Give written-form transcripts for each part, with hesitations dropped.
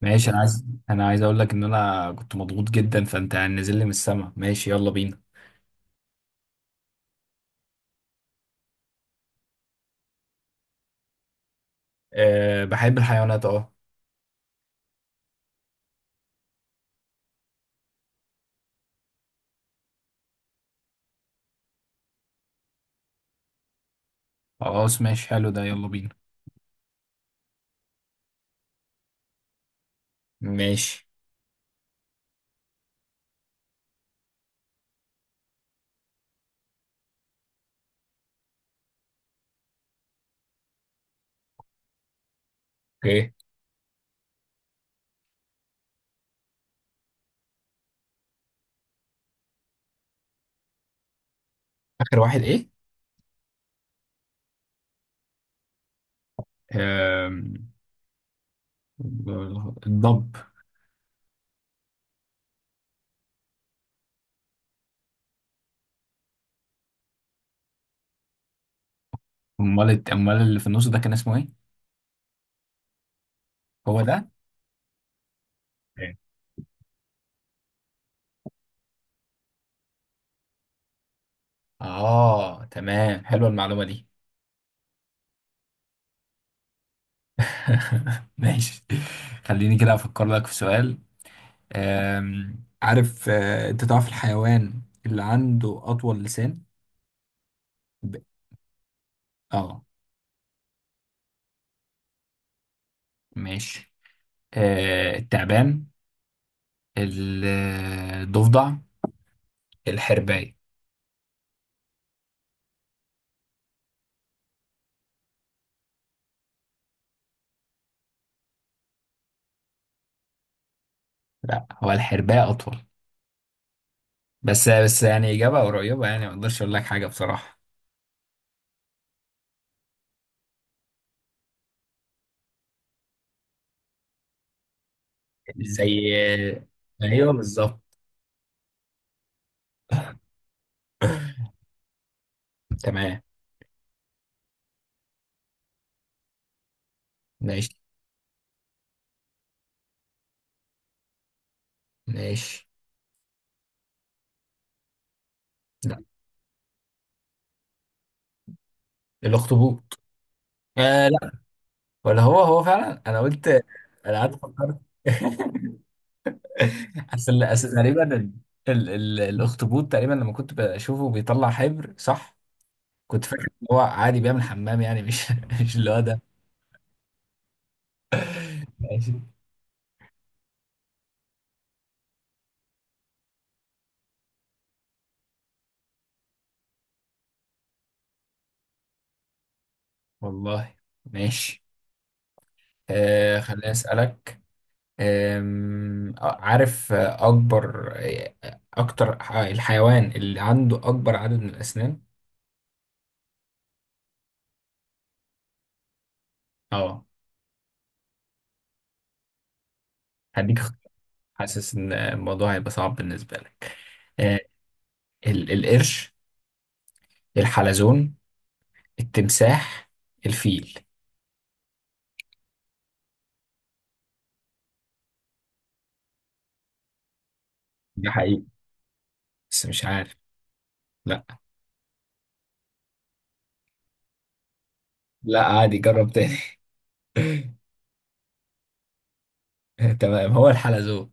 ماشي، انا عايز اقول لك ان انا كنت مضغوط جدا، فانت نازل لي من السما. ماشي، يلا بينا. أه، بحب الحيوانات، اه. خلاص ماشي، حلو ده، يلا بينا. ماشي. اوكي. اخر واحد ايه؟ أم... الضب. امال امال اللي في النص ده كان اسمه ايه؟ هو ده. إيه. اه تمام، حلوه المعلومه دي. ماشي. خليني كده افكر لك في سؤال. عارف انت تعرف الحيوان اللي عنده اطول لسان؟ ب... اه. ماشي. التعبان، ال- الضفدع، الحرباية. لا، هو الحرباية أطول. بس يعني إجابة قريبة، يعني ما أقدرش أقول لك حاجة بصراحة. زي. أيوه بالظبط. تمام. ماشي. ماشي. لا. الأخطبوط. آه لا. ولا هو فعلا، أنا قلت. أنا قعدت فكرت. أصل تقريبا الأخطبوط، تقريبا لما كنت بشوفه بيطلع حبر صح، كنت فاكر ان هو عادي بيعمل حمام يعني، مش مش اللي هو ده. ماشي. والله. ماشي. آه خليني اسالك. آم، آه، عارف اكبر الحيوان اللي عنده اكبر عدد من الاسنان. اه. هديك اخت- حاسس ان الموضوع هيبقى صعب بالنسبه لك. آه. القرش، الحلزون، التمساح، الفيل. ده حقيقي بس مش عارف. لا لا، عادي، جرب تاني. تمام، هو الحلزون.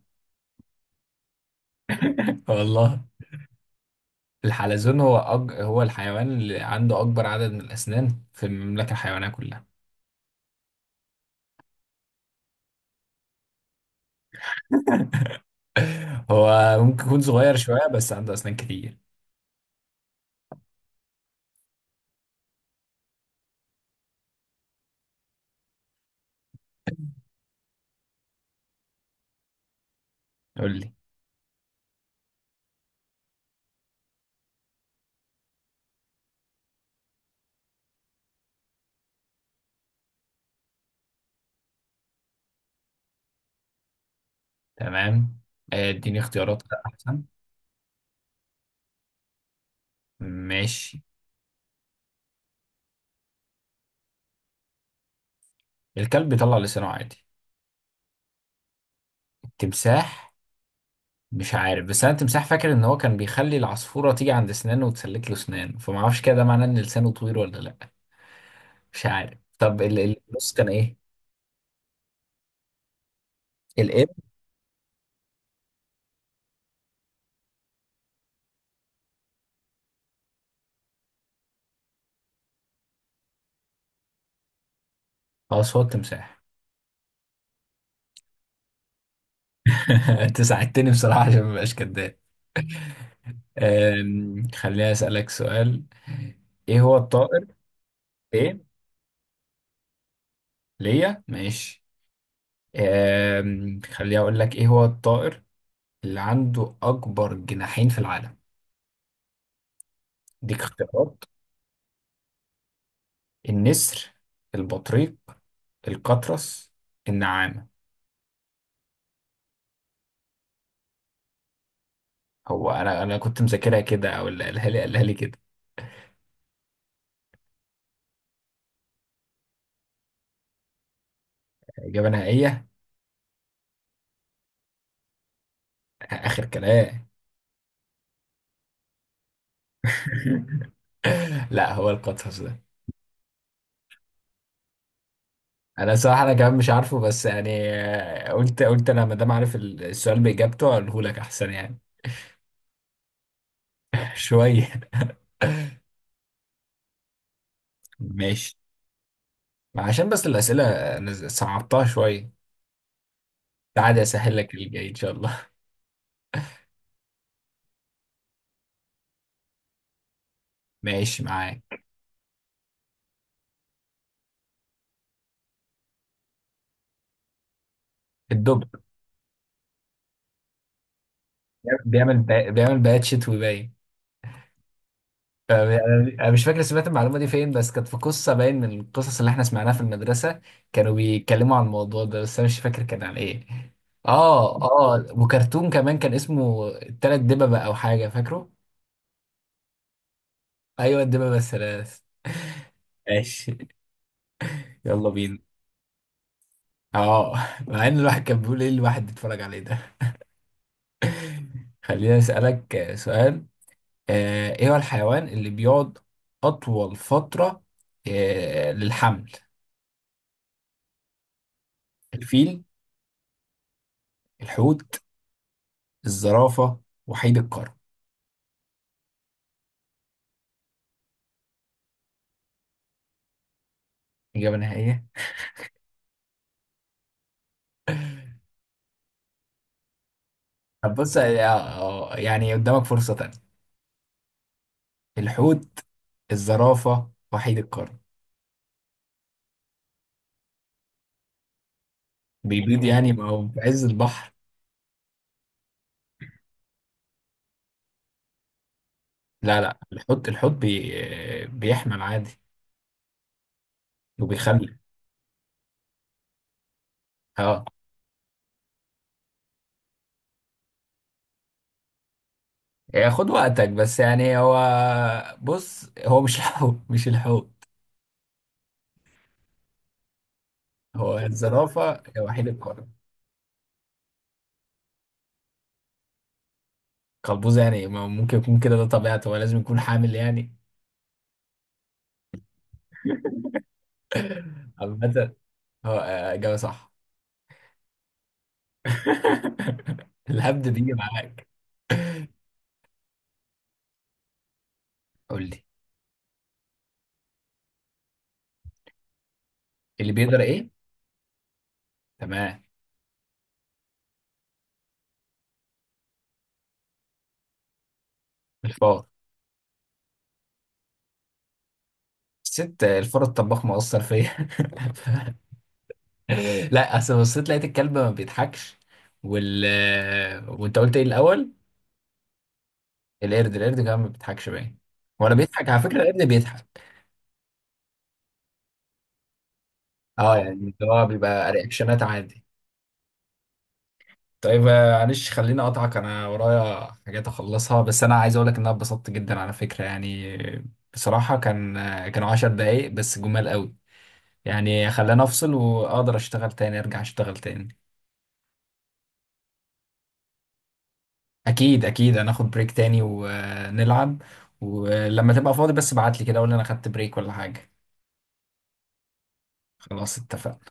والله. الحلزون هو هو الحيوان اللي عنده أكبر عدد من الأسنان في المملكة الحيوانية كلها. هو ممكن يكون صغير شوية بس عنده أسنان كتير. قول لي. تمام. اديني اختيارات كده أحسن. ماشي. الكلب بيطلع لسانه عادي. التمساح. مش عارف، بس أنا التمساح فاكر إن هو كان بيخلي العصفورة تيجي عند أسنانه وتسلك له أسنانه، فما أعرفش كده، ده معناه إن لسانه طويل ولا لأ. مش عارف. طب بص كان إيه؟ الإب. خلاص، هو التمساح. أنت ساعدتني بصراحة عشان مبقاش كداب. خليني أسألك سؤال. إيه هو الطائر؟ إيه. ليا ماشي. خليني أقول لك. إيه هو الطائر اللي عنده أكبر جناحين في العالم؟ ديك اختيارات. النسر، البطريق، القطرس، النعامة. هو أنا كنت مذاكرها كده، أو اللي قالها لي قالها لي كده. إجابة نهائية. آخر كلام. لا هو القطرس ده. انا صراحه انا كمان مش عارفه، بس يعني، قلت انا، ما دام عارف السؤال باجابته، اقوله لك احسن يعني. شويه. ماشي. عشان بس الاسئله انا صعبتها شويه. تعالى اسهل لك اللي جاي ان شاء الله. ماشي معاك. الدب. بيعمل بيات شتوي باين. انا. أنا مش فاكر سمعت المعلومه دي فين، بس كانت في قصه باين من القصص اللي احنا سمعناها في المدرسه. كانوا بيتكلموا عن الموضوع ده، بس انا مش فاكر كان عن ايه. اه اه، وكرتون كمان كان اسمه التلات دببة او حاجه، فاكره. ايوه، الدببة الثلاث. ماشي، يلا بينا. اه. مع ان الواحد كان بيقول ايه الواحد بيتفرج عليه ده. خليني اسالك سؤال. ايه هو الحيوان اللي بيقعد اطول فتره للحمل؟ الفيل، الحوت، الزرافة، وحيد القرن. إجابة نهائية. طب بص، يعني قدامك فرصة تانية. الحوت، الزرافة، وحيد القرن. بيبيض الحوت يعني؟ ما هو في عز البحر. لا لا، الحوت الحوت بيحمل عادي وبيخلي. اه. يعني خد وقتك، بس يعني هو، بص، هو مش الحوت. مش الحوت. هو الزرافة يا وحيد القرن. قلبوز يعني؟ ما ممكن يكون كده، ده طبيعته هو، لازم يكون حامل يعني. عامة. هو إجابة صح. الهبد دي معاك. قول لي. اللي بيقدر ايه؟ تمام. الفار. ست الفار الطباخ مؤثر فيا. ف- لا، اصل بصيت لقيت الكلب ما بيضحكش، وال وانت قلت ايه الاول؟ القرد. القرد كمان ما بيضحكش باين. ولا بيضحك؟ على فكره القرد بيضحك. اه يعني اللي هو بيبقى رياكشنات عادي. طيب معلش خليني اقطعك، انا ورايا حاجات اخلصها، بس انا عايز اقول لك ان انا اتبسطت جدا على فكره يعني. بصراحه كان كانوا 10 دقايق بس جمال قوي. يعني خلاني افصل واقدر اشتغل تاني، ارجع اشتغل تاني. اكيد اكيد، انا اخد بريك تاني ونلعب. ولما تبقى فاضي بس ابعت لي كده، اقول لي انا خدت بريك ولا حاجة. خلاص اتفقنا.